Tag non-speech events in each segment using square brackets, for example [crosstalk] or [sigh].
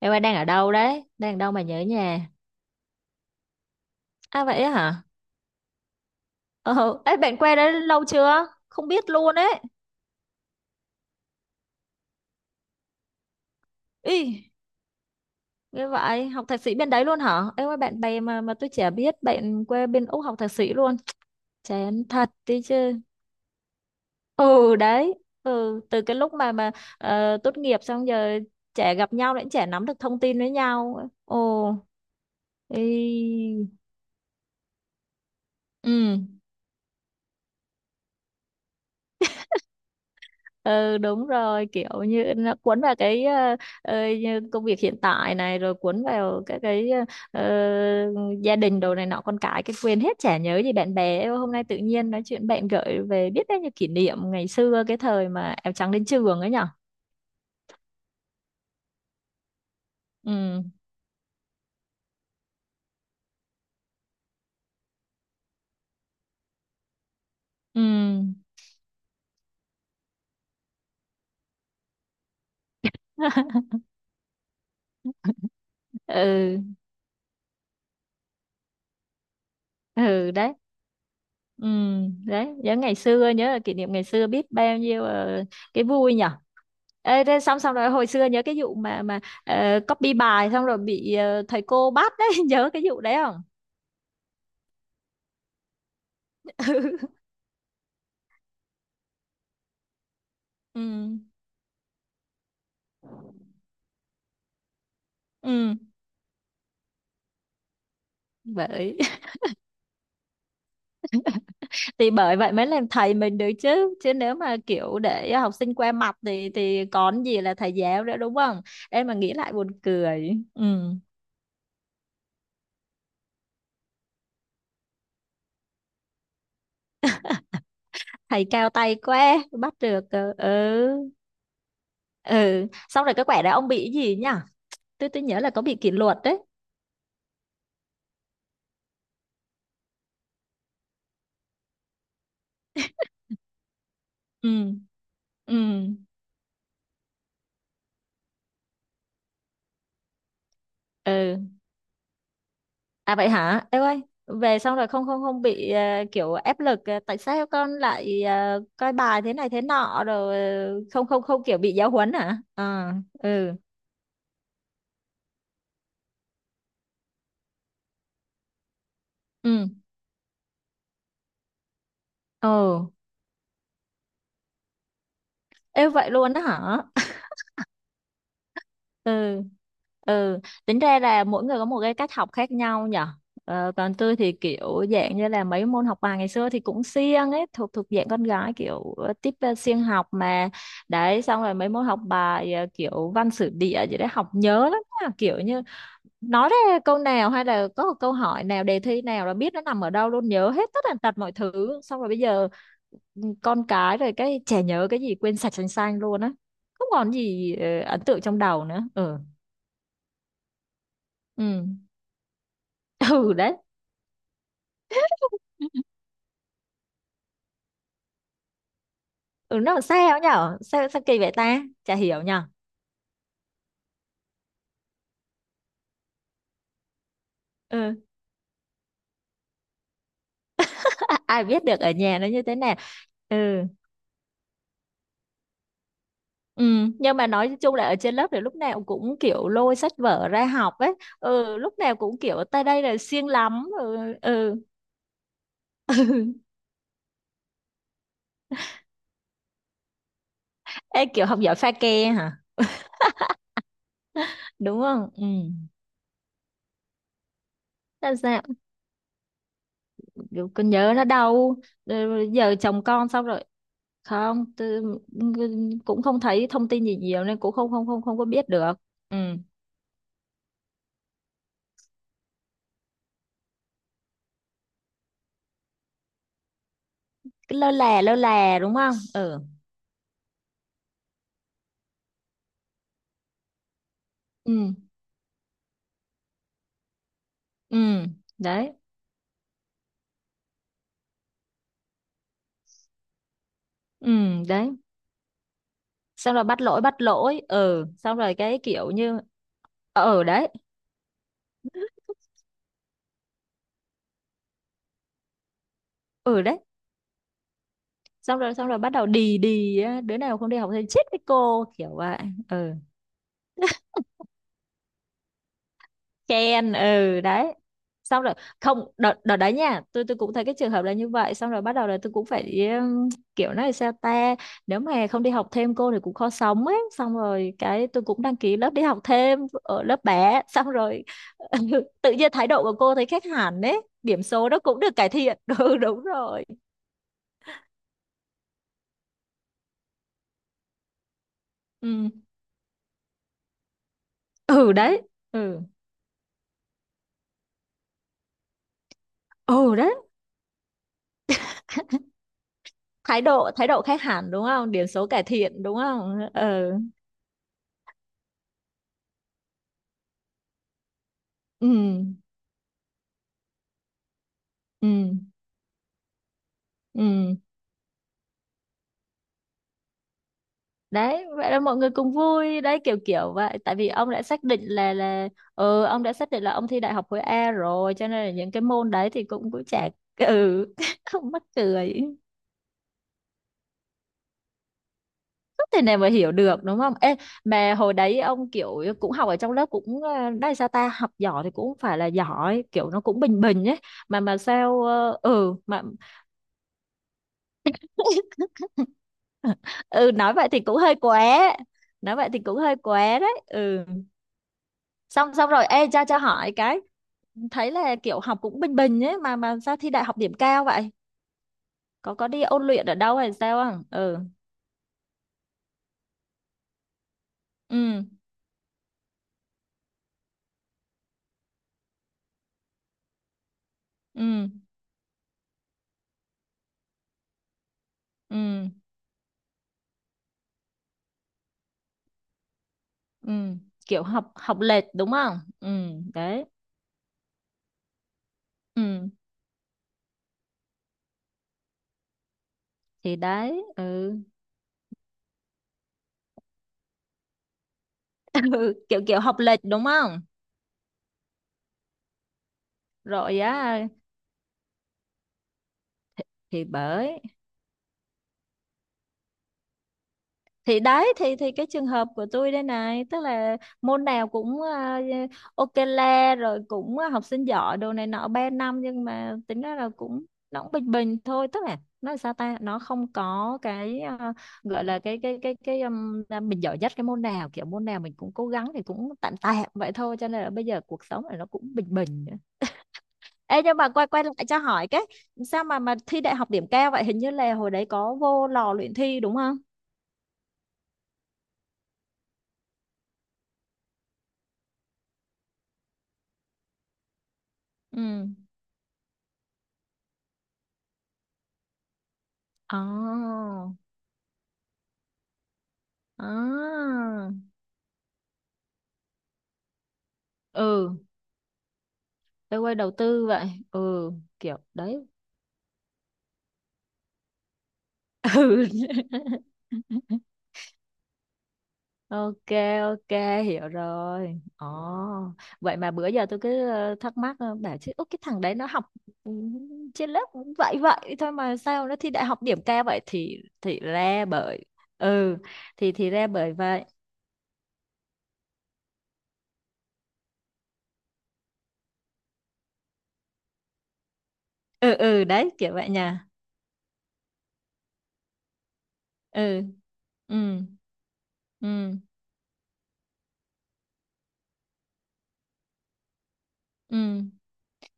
Em ơi đang ở đâu đấy? Đang ở đâu mà nhớ nhà? À vậy á hả? Ờ, ấy bạn qua đấy lâu chưa? Không biết luôn ấy. Ý, như vậy, học thạc sĩ bên đấy luôn hả? Em ơi bạn bè mà tôi chả biết bạn quê bên Úc học thạc sĩ luôn. Chán thật đi chứ. Ừ đấy. Ừ, từ cái lúc mà tốt nghiệp xong giờ chả gặp nhau nữa, chả nắm được thông tin với nhau. Ồ, ý. Ừ. Ừ đúng rồi kiểu như nó cuốn vào cái như công việc hiện tại này rồi cuốn vào các cái ờ, gia đình đồ này nọ con cái quên hết chả nhớ gì bạn bè. Ê, hôm nay tự nhiên nói chuyện bạn gợi về biết đấy như kỷ niệm ngày xưa cái thời mà áo trắng đến trường ấy nhở. Ừ ừ [laughs] ừ ừ đấy. Ừ, đấy, nhớ ngày xưa, nhớ là kỷ niệm ngày xưa biết bao nhiêu cái vui nhở. Ê, thế xong xong rồi hồi xưa nhớ cái vụ mà copy bài xong rồi bị thầy cô bắt đấy, [laughs] nhớ cái vụ đấy không? [laughs] Ừ, ừ, ừ. Bởi [laughs] thì bởi vậy mới làm thầy mình được chứ, chứ nếu mà kiểu để học sinh qua mặt thì còn gì là thầy giáo nữa đúng không? Em mà nghĩ lại buồn cười. Ừ. Thầy cao tay quá, bắt được. Ờ, Ừ. Ừ, xong rồi cái quẻ đó ông bị cái gì nhỉ? Tôi nhớ là có bị kỷ luật đấy. Ừ ừ ừ, à vậy hả em ơi, về xong rồi không không không bị kiểu ép lực, tại sao con lại coi bài thế này thế nọ rồi không không không kiểu bị giáo huấn hả à. Ừ ừ ồ, ê vậy luôn đó hả. Ừ ừ, tính ra là mỗi người có một cái cách học khác nhau nhở. Còn tôi thì kiểu dạng như là mấy môn học bài ngày xưa thì cũng siêng ấy, thuộc thuộc dạng con gái kiểu tiếp siêng học mà. Đấy xong rồi mấy môn học bài kiểu văn sử địa gì đấy học nhớ lắm nha. Kiểu như nói ra câu nào hay là có một câu hỏi nào đề thi nào là biết nó nằm ở đâu luôn nhớ hết tất tần tật mọi thứ xong rồi bây giờ con cái rồi cái trẻ nhớ cái gì quên sạch sành sanh luôn á. Không còn gì ấn tượng trong đầu nữa. Ừ ừ [laughs] ừ đấy. Ừ nó làm sao nhở sao sao kỳ vậy ta chả hiểu nhở. Ừ [laughs] ai biết được ở nhà nó như thế nào. Ừ ừ nhưng mà nói chung là ở trên lớp thì lúc nào cũng kiểu lôi sách vở ra học ấy. Ừ lúc nào cũng kiểu ta đây là siêng lắm. Ừ ừ. Ê, kiểu học giỏi pha ke hả, đúng không. Ừ, làm sao, kiểu con nhớ nó đau. Ừ, giờ chồng con xong rồi. Không tôi cũng không thấy thông tin gì nhiều nên cũng không không không không có biết được. Ừ cứ lơ là đúng không. Ừ ừ ừ đấy. Ừ đấy xong rồi bắt lỗi bắt lỗi. Ừ xong rồi cái kiểu như ừ đấy. Ừ đấy xong rồi bắt đầu đì đì á, đứa nào không đi học thì chết với cô kiểu vậy. Ừ ken ừ đấy. Xong rồi không đợt đợt đấy nha, tôi cũng thấy cái trường hợp là như vậy xong rồi bắt đầu là tôi cũng phải kiểu nói sao ta, nếu mà không đi học thêm cô thì cũng khó sống ấy xong rồi cái tôi cũng đăng ký lớp đi học thêm ở lớp bé xong rồi [laughs] tự nhiên thái độ của cô thấy khác hẳn ấy, điểm số nó cũng được cải thiện. [laughs] Ừ đúng rồi. Ừ ừ đấy ừ ừ đấy. [laughs] Thái độ khác hẳn đúng không, điểm số cải thiện đúng không. Ừ ừ ừ ừ đấy, vậy là mọi người cùng vui đấy kiểu kiểu vậy tại vì ông đã xác định là, ừ ông đã xác định là ông thi đại học khối A rồi cho nên là những cái môn đấy thì cũng cũng chả. Ừ [laughs] không mắc cười. Không thể nào mà hiểu được đúng không ê. Mà hồi đấy ông kiểu cũng học ở trong lớp cũng đây sao ta học giỏi thì cũng phải là giỏi kiểu nó cũng bình bình ấy, mà sao ừ mà. [laughs] Ừ nói vậy thì cũng hơi quá. Nói vậy thì cũng hơi quá đấy. Ừ xong xong rồi ê cho hỏi cái, thấy là kiểu học cũng bình bình ấy mà sao thi đại học điểm cao vậy, có đi ôn luyện ở đâu hay sao không. Ừ ừ ừ ừ ừ, kiểu học học lệch đúng không. Ừ đấy ừ thì đấy ừ, [laughs] ừ. kiểu kiểu học lệch đúng không. Rồi á thì bởi thì đấy thì cái trường hợp của tôi đây này tức là môn nào cũng ok le rồi cũng học sinh giỏi đồ này nọ 3 năm nhưng mà tính ra là cũng nó cũng bình bình thôi tức là nó là sao ta nó không có cái gọi là cái là mình giỏi nhất cái môn nào kiểu môn nào mình cũng cố gắng thì cũng tạm tạm vậy thôi cho nên là bây giờ cuộc sống này nó cũng bình bình nữa. Ê nhưng mà quay quay lại cho hỏi cái, sao mà thi đại học điểm cao vậy, hình như là hồi đấy có vô lò luyện thi đúng không? Ừ. Ồ, à, ừ, tôi quay đầu tư vậy, ừ, kiểu đấy, ừ, [laughs] ok, ok, hiểu rồi, ồ, vậy mà bữa giờ tôi cứ thắc mắc, bảo chứ: "Ủa, cái thằng đấy nó học, ừ, trên lớp cũng vậy vậy thôi mà sao nó thi đại học điểm cao vậy, thì, ra bởi, ừ, thì, ra bởi vậy, ừ, ừ, đấy, kiểu vậy nha, ừ, ừ, ừ, ừ."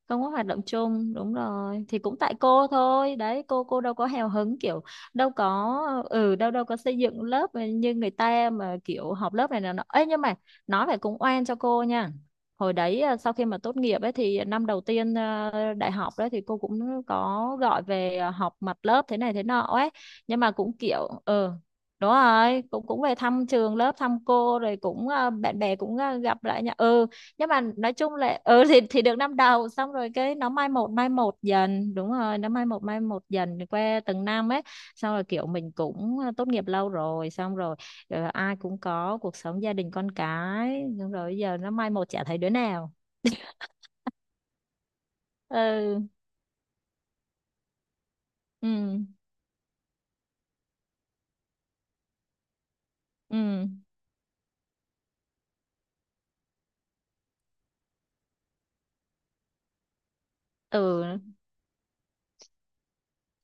Không có hoạt động chung đúng rồi thì cũng tại cô thôi đấy cô đâu có hào hứng kiểu đâu có. Ừ đâu đâu có xây dựng lớp như người ta mà kiểu họp lớp này là nó ấy nhưng mà nói phải cũng oan cho cô nha. Hồi đấy sau khi mà tốt nghiệp ấy thì năm đầu tiên đại học đấy thì cô cũng có gọi về họp mặt lớp thế này thế nọ ấy, nhưng mà cũng kiểu ừ đúng rồi cũng cũng về thăm trường lớp thăm cô rồi cũng bạn bè cũng gặp lại nha. Ừ nhưng mà nói chung là ừ thì được năm đầu xong rồi cái nó mai một dần đúng rồi nó mai một dần qua từng năm ấy. Xong rồi kiểu mình cũng tốt nghiệp lâu rồi xong rồi ai cũng có cuộc sống gia đình con cái xong rồi giờ nó mai một chả thấy đứa nào. Ừ ừ ừ ừ,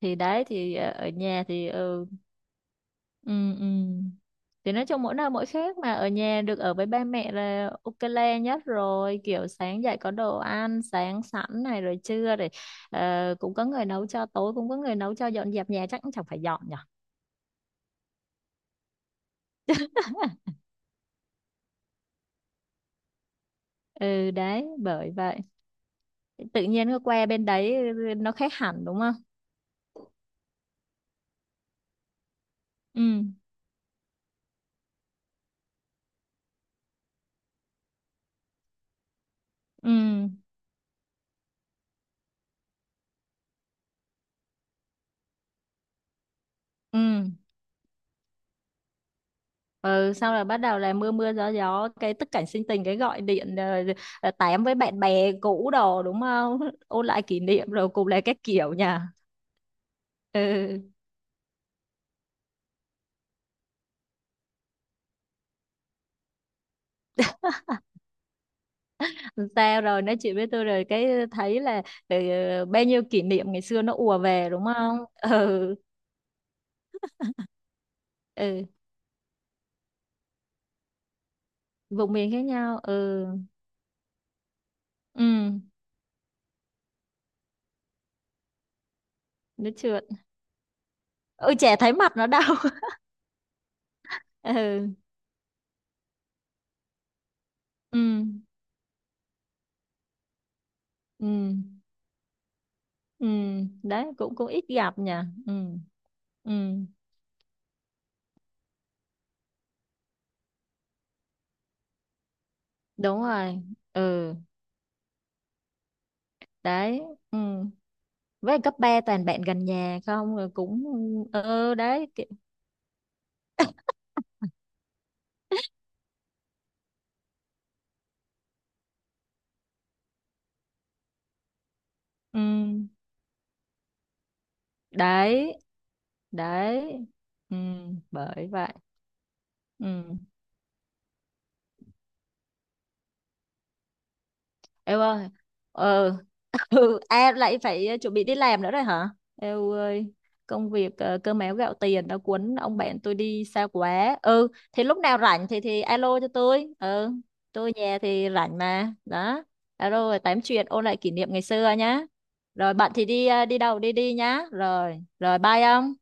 thì đấy thì ở nhà thì ừ ừ ừ, thì nói chung mỗi nơi mỗi khác mà ở nhà được ở với ba mẹ là ok le nhất rồi kiểu sáng dậy có đồ ăn sáng sẵn này rồi trưa rồi cũng có người nấu cho tối cũng có người nấu cho dọn dẹp nhà chắc cũng chẳng phải dọn nhở. [laughs] Ừ đấy bởi vậy tự nhiên nó qua bên đấy nó khác hẳn đúng không. Ừ ừ ừ. Ừ, sau là bắt đầu là mưa mưa gió gió cái tức cảnh sinh tình cái gọi điện tám với bạn bè cũ đồ đúng không [laughs] ôn lại kỷ niệm rồi cùng là các kiểu nha. Ừ. Sao rồi nói chuyện với tôi rồi cái thấy là ừ, bao nhiêu kỷ niệm ngày xưa nó ùa về đúng không. [laughs] Ừ ừ vùng miền khác nhau. Ừ ừ nó trượt. Ừ trẻ thấy mặt nó đau. [laughs] Ừ ừ ừ ừ đấy cũng cũng ít gặp nhỉ. Ừ ừ đúng rồi ừ đấy ừ. Với cấp 3 toàn bạn gần nhà không rồi cũng ừ đấy ừ. Đấy đấy ừ. Bởi vậy. Ừ. Em ơi, ừ [laughs] ừ em lại phải chuẩn bị đi làm nữa rồi hả. Eo ơi, công việc cơm áo gạo tiền đã cuốn ông bạn tôi đi xa quá. Ừ thì lúc nào rảnh thì alo cho tôi, ừ tôi nhà thì rảnh mà đó, alo rồi tám chuyện ôn lại kỷ niệm ngày xưa nhá. Rồi bạn thì đi đi đâu đi đi nhá rồi rồi bye ông.